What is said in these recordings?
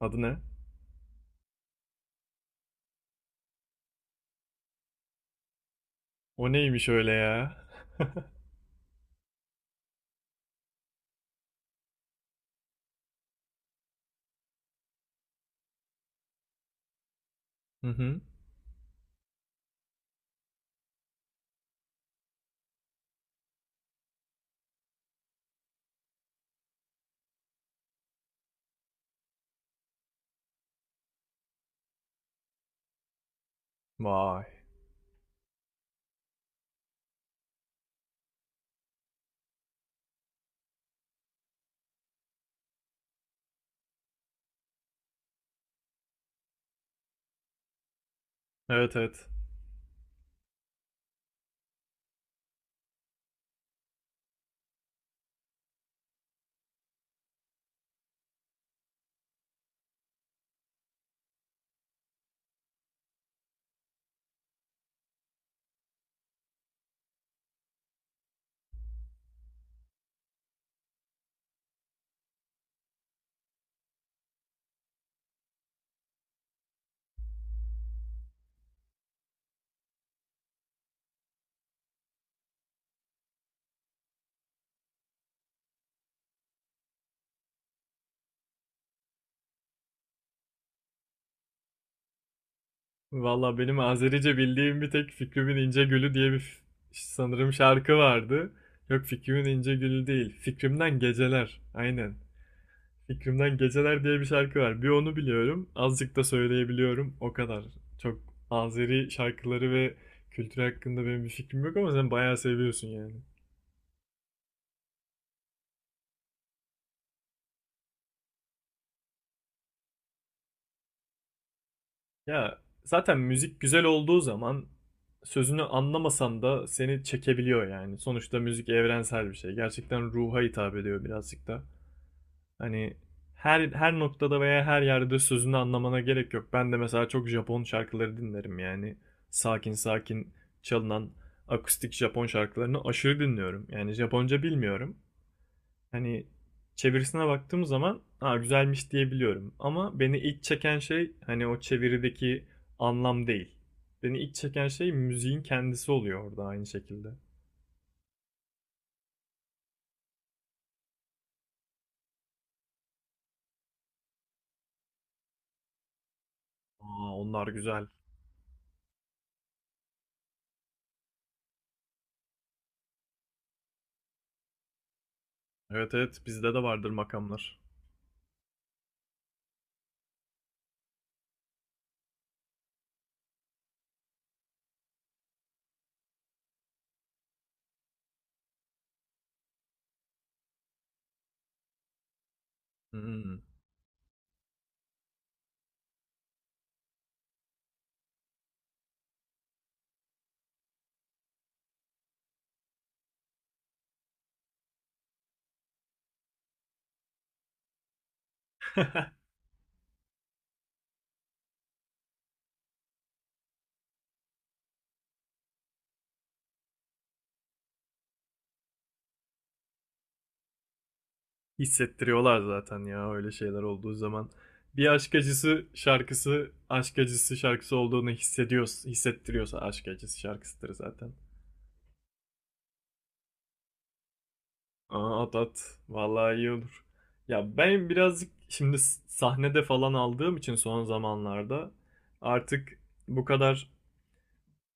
Adı ne? O neymiş öyle ya? Hı hı. Vay. Evet evet. Valla benim Azerice bildiğim bir tek Fikrimin İnce Gülü diye bir sanırım şarkı vardı. Yok, Fikrimin İnce Gülü değil. Fikrimden Geceler. Aynen. Fikrimden Geceler diye bir şarkı var. Bir onu biliyorum. Azıcık da söyleyebiliyorum. O kadar. Çok Azeri şarkıları ve kültürü hakkında benim bir fikrim yok ama sen bayağı seviyorsun yani. Ya zaten müzik güzel olduğu zaman sözünü anlamasan da seni çekebiliyor yani. Sonuçta müzik evrensel bir şey. Gerçekten ruha hitap ediyor birazcık da. Hani her noktada veya her yerde sözünü anlamana gerek yok. Ben de mesela çok Japon şarkıları dinlerim yani. Sakin sakin çalınan akustik Japon şarkılarını aşırı dinliyorum. Yani Japonca bilmiyorum. Hani çevirisine baktığım zaman ha güzelmiş diyebiliyorum. Ama beni ilk çeken şey hani o çevirideki anlam değil. Beni ilk çeken şey müziğin kendisi oluyor orada aynı şekilde. Aa, onlar güzel. Evet evet, bizde de vardır makamlar. Hmm. Hissettiriyorlar zaten ya öyle şeyler olduğu zaman. Bir aşk acısı şarkısı, aşk acısı şarkısı olduğunu hissediyoruz. Hissettiriyorsa aşk acısı şarkısıdır zaten. Aa, at at. Vallahi iyi olur. Ya ben birazcık şimdi sahnede falan aldığım için son zamanlarda artık bu kadar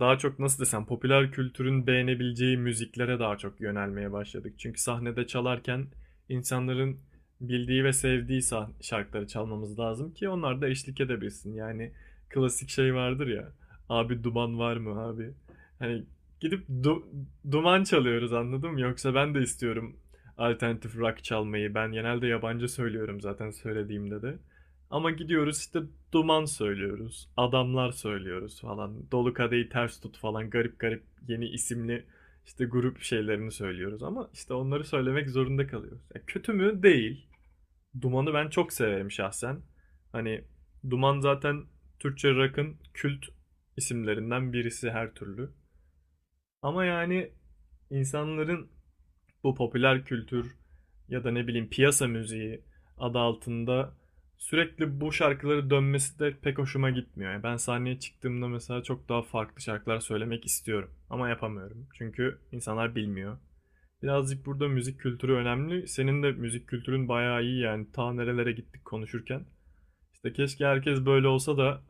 daha çok nasıl desem popüler kültürün beğenebileceği müziklere daha çok yönelmeye başladık. Çünkü sahnede çalarken insanların bildiği ve sevdiği şarkıları çalmamız lazım ki onlar da eşlik edebilsin. Yani klasik şey vardır ya. Abi duman var mı abi? Hani gidip du- duman çalıyoruz, anladın mı? Yoksa ben de istiyorum alternatif rock çalmayı. Ben genelde yabancı söylüyorum zaten, söylediğimde de. Ama gidiyoruz işte, duman söylüyoruz. Adamlar söylüyoruz falan. Dolu kadehi ters tut falan. Garip garip yeni isimli işte grup şeylerini söylüyoruz. Ama işte onları söylemek zorunda kalıyoruz. Ya kötü mü? Değil. Duman'ı ben çok severim şahsen. Hani Duman zaten Türkçe rock'ın kült isimlerinden birisi her türlü. Ama yani insanların bu popüler kültür ya da ne bileyim piyasa müziği adı altında sürekli bu şarkıları dönmesi de pek hoşuma gitmiyor. Yani ben sahneye çıktığımda mesela çok daha farklı şarkılar söylemek istiyorum ama yapamıyorum. Çünkü insanlar bilmiyor. Birazcık burada müzik kültürü önemli. Senin de müzik kültürün bayağı iyi yani, ta nerelere gittik konuşurken. İşte keşke herkes böyle olsa da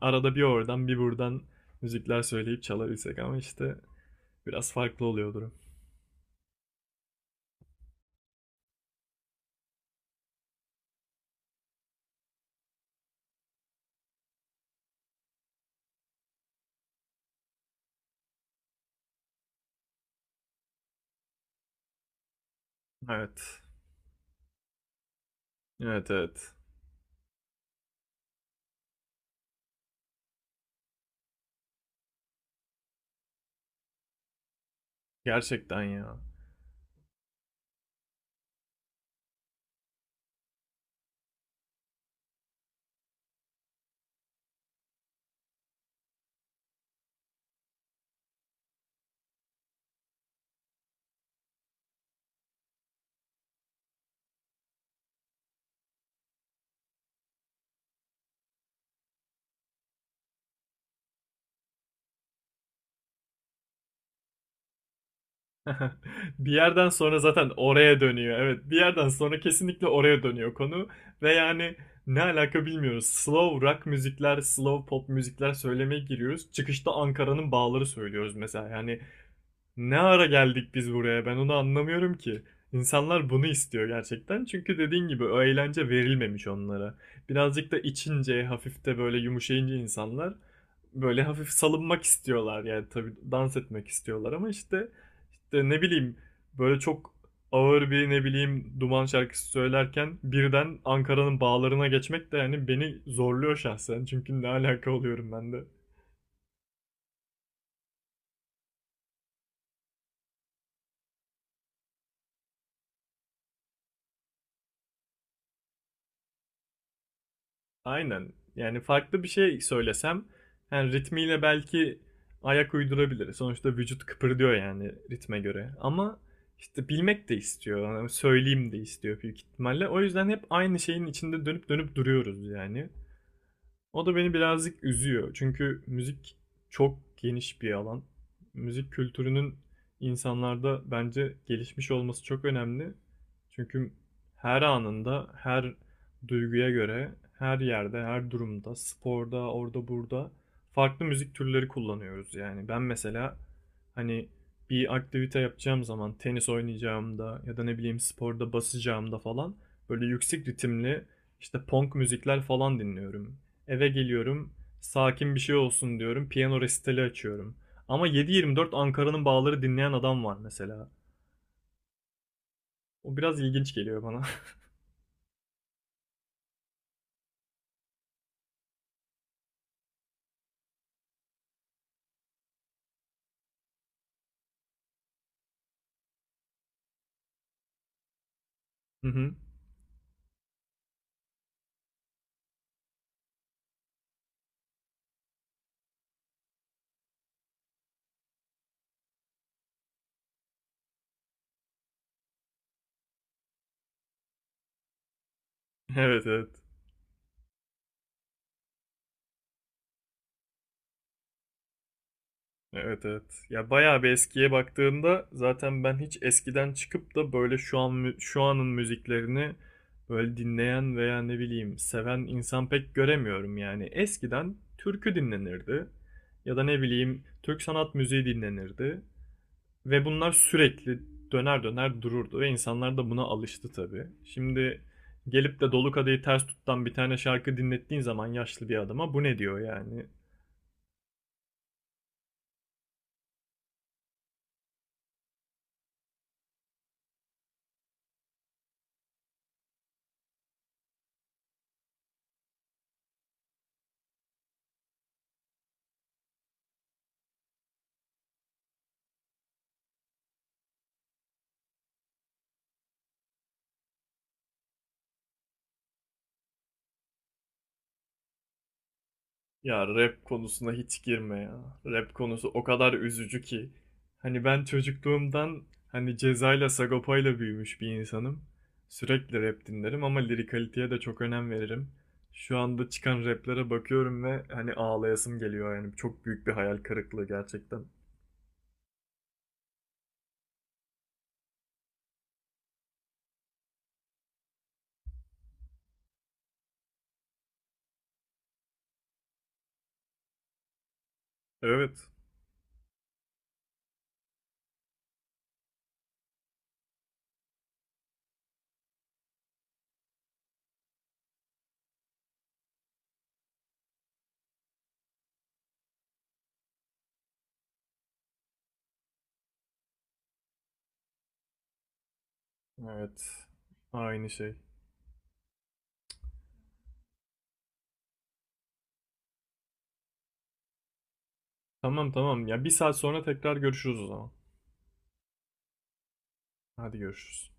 arada bir oradan bir buradan müzikler söyleyip çalabilsek ama işte biraz farklı oluyor durum. Evet. Evet evet. Gerçekten ya. Bir yerden sonra zaten oraya dönüyor. Evet, bir yerden sonra kesinlikle oraya dönüyor konu ve yani ne alaka bilmiyoruz. Slow rock müzikler, slow pop müzikler söylemeye giriyoruz. Çıkışta Ankara'nın bağları söylüyoruz mesela. Yani ne ara geldik biz buraya? Ben onu anlamıyorum ki. İnsanlar bunu istiyor gerçekten. Çünkü dediğin gibi o eğlence verilmemiş onlara. Birazcık da içince, hafif de böyle yumuşayınca insanlar böyle hafif salınmak istiyorlar. Yani tabii dans etmek istiyorlar ama işte ne bileyim böyle çok ağır bir ne bileyim Duman şarkısı söylerken birden Ankara'nın bağlarına geçmek de yani beni zorluyor şahsen. Çünkü ne alaka oluyorum ben de. Aynen. Yani farklı bir şey söylesem yani ritmiyle belki ayak uydurabilir. Sonuçta vücut kıpırdıyor yani ritme göre. Ama işte bilmek de istiyor. Yani söyleyeyim de istiyor büyük ihtimalle. O yüzden hep aynı şeyin içinde dönüp dönüp duruyoruz yani. O da beni birazcık üzüyor. Çünkü müzik çok geniş bir alan. Müzik kültürünün insanlarda bence gelişmiş olması çok önemli. Çünkü her anında, her duyguya göre, her yerde, her durumda, sporda, orada, burada farklı müzik türleri kullanıyoruz. Yani ben mesela hani bir aktivite yapacağım zaman, tenis oynayacağımda ya da ne bileyim sporda basacağımda falan böyle yüksek ritimli işte punk müzikler falan dinliyorum. Eve geliyorum. Sakin bir şey olsun diyorum. Piyano resitali açıyorum. Ama 7/24 Ankara'nın Bağları dinleyen adam var mesela. O biraz ilginç geliyor bana. Evet evet. Evet evet. Ya bayağı bir eskiye baktığımda zaten ben hiç eskiden çıkıp da böyle şu an şu anın müziklerini böyle dinleyen veya ne bileyim seven insan pek göremiyorum yani. Eskiden türkü dinlenirdi ya da ne bileyim Türk sanat müziği dinlenirdi. Ve bunlar sürekli döner döner dururdu ve insanlar da buna alıştı tabii. Şimdi gelip de Dolu Kadehi Ters Tut'tan bir tane şarkı dinlettiğin zaman yaşlı bir adama bu ne diyor yani? Ya rap konusuna hiç girme ya. Rap konusu o kadar üzücü ki. Hani ben çocukluğumdan hani Ceza'yla Sagopa'yla büyümüş bir insanım. Sürekli rap dinlerim ama lirikaliteye de çok önem veririm. Şu anda çıkan raplere bakıyorum ve hani ağlayasım geliyor yani. Çok büyük bir hayal kırıklığı gerçekten. Evet. Evet. Aynı şey. Tamam tamam. Ya bir saat sonra tekrar görüşürüz o zaman. Hadi görüşürüz.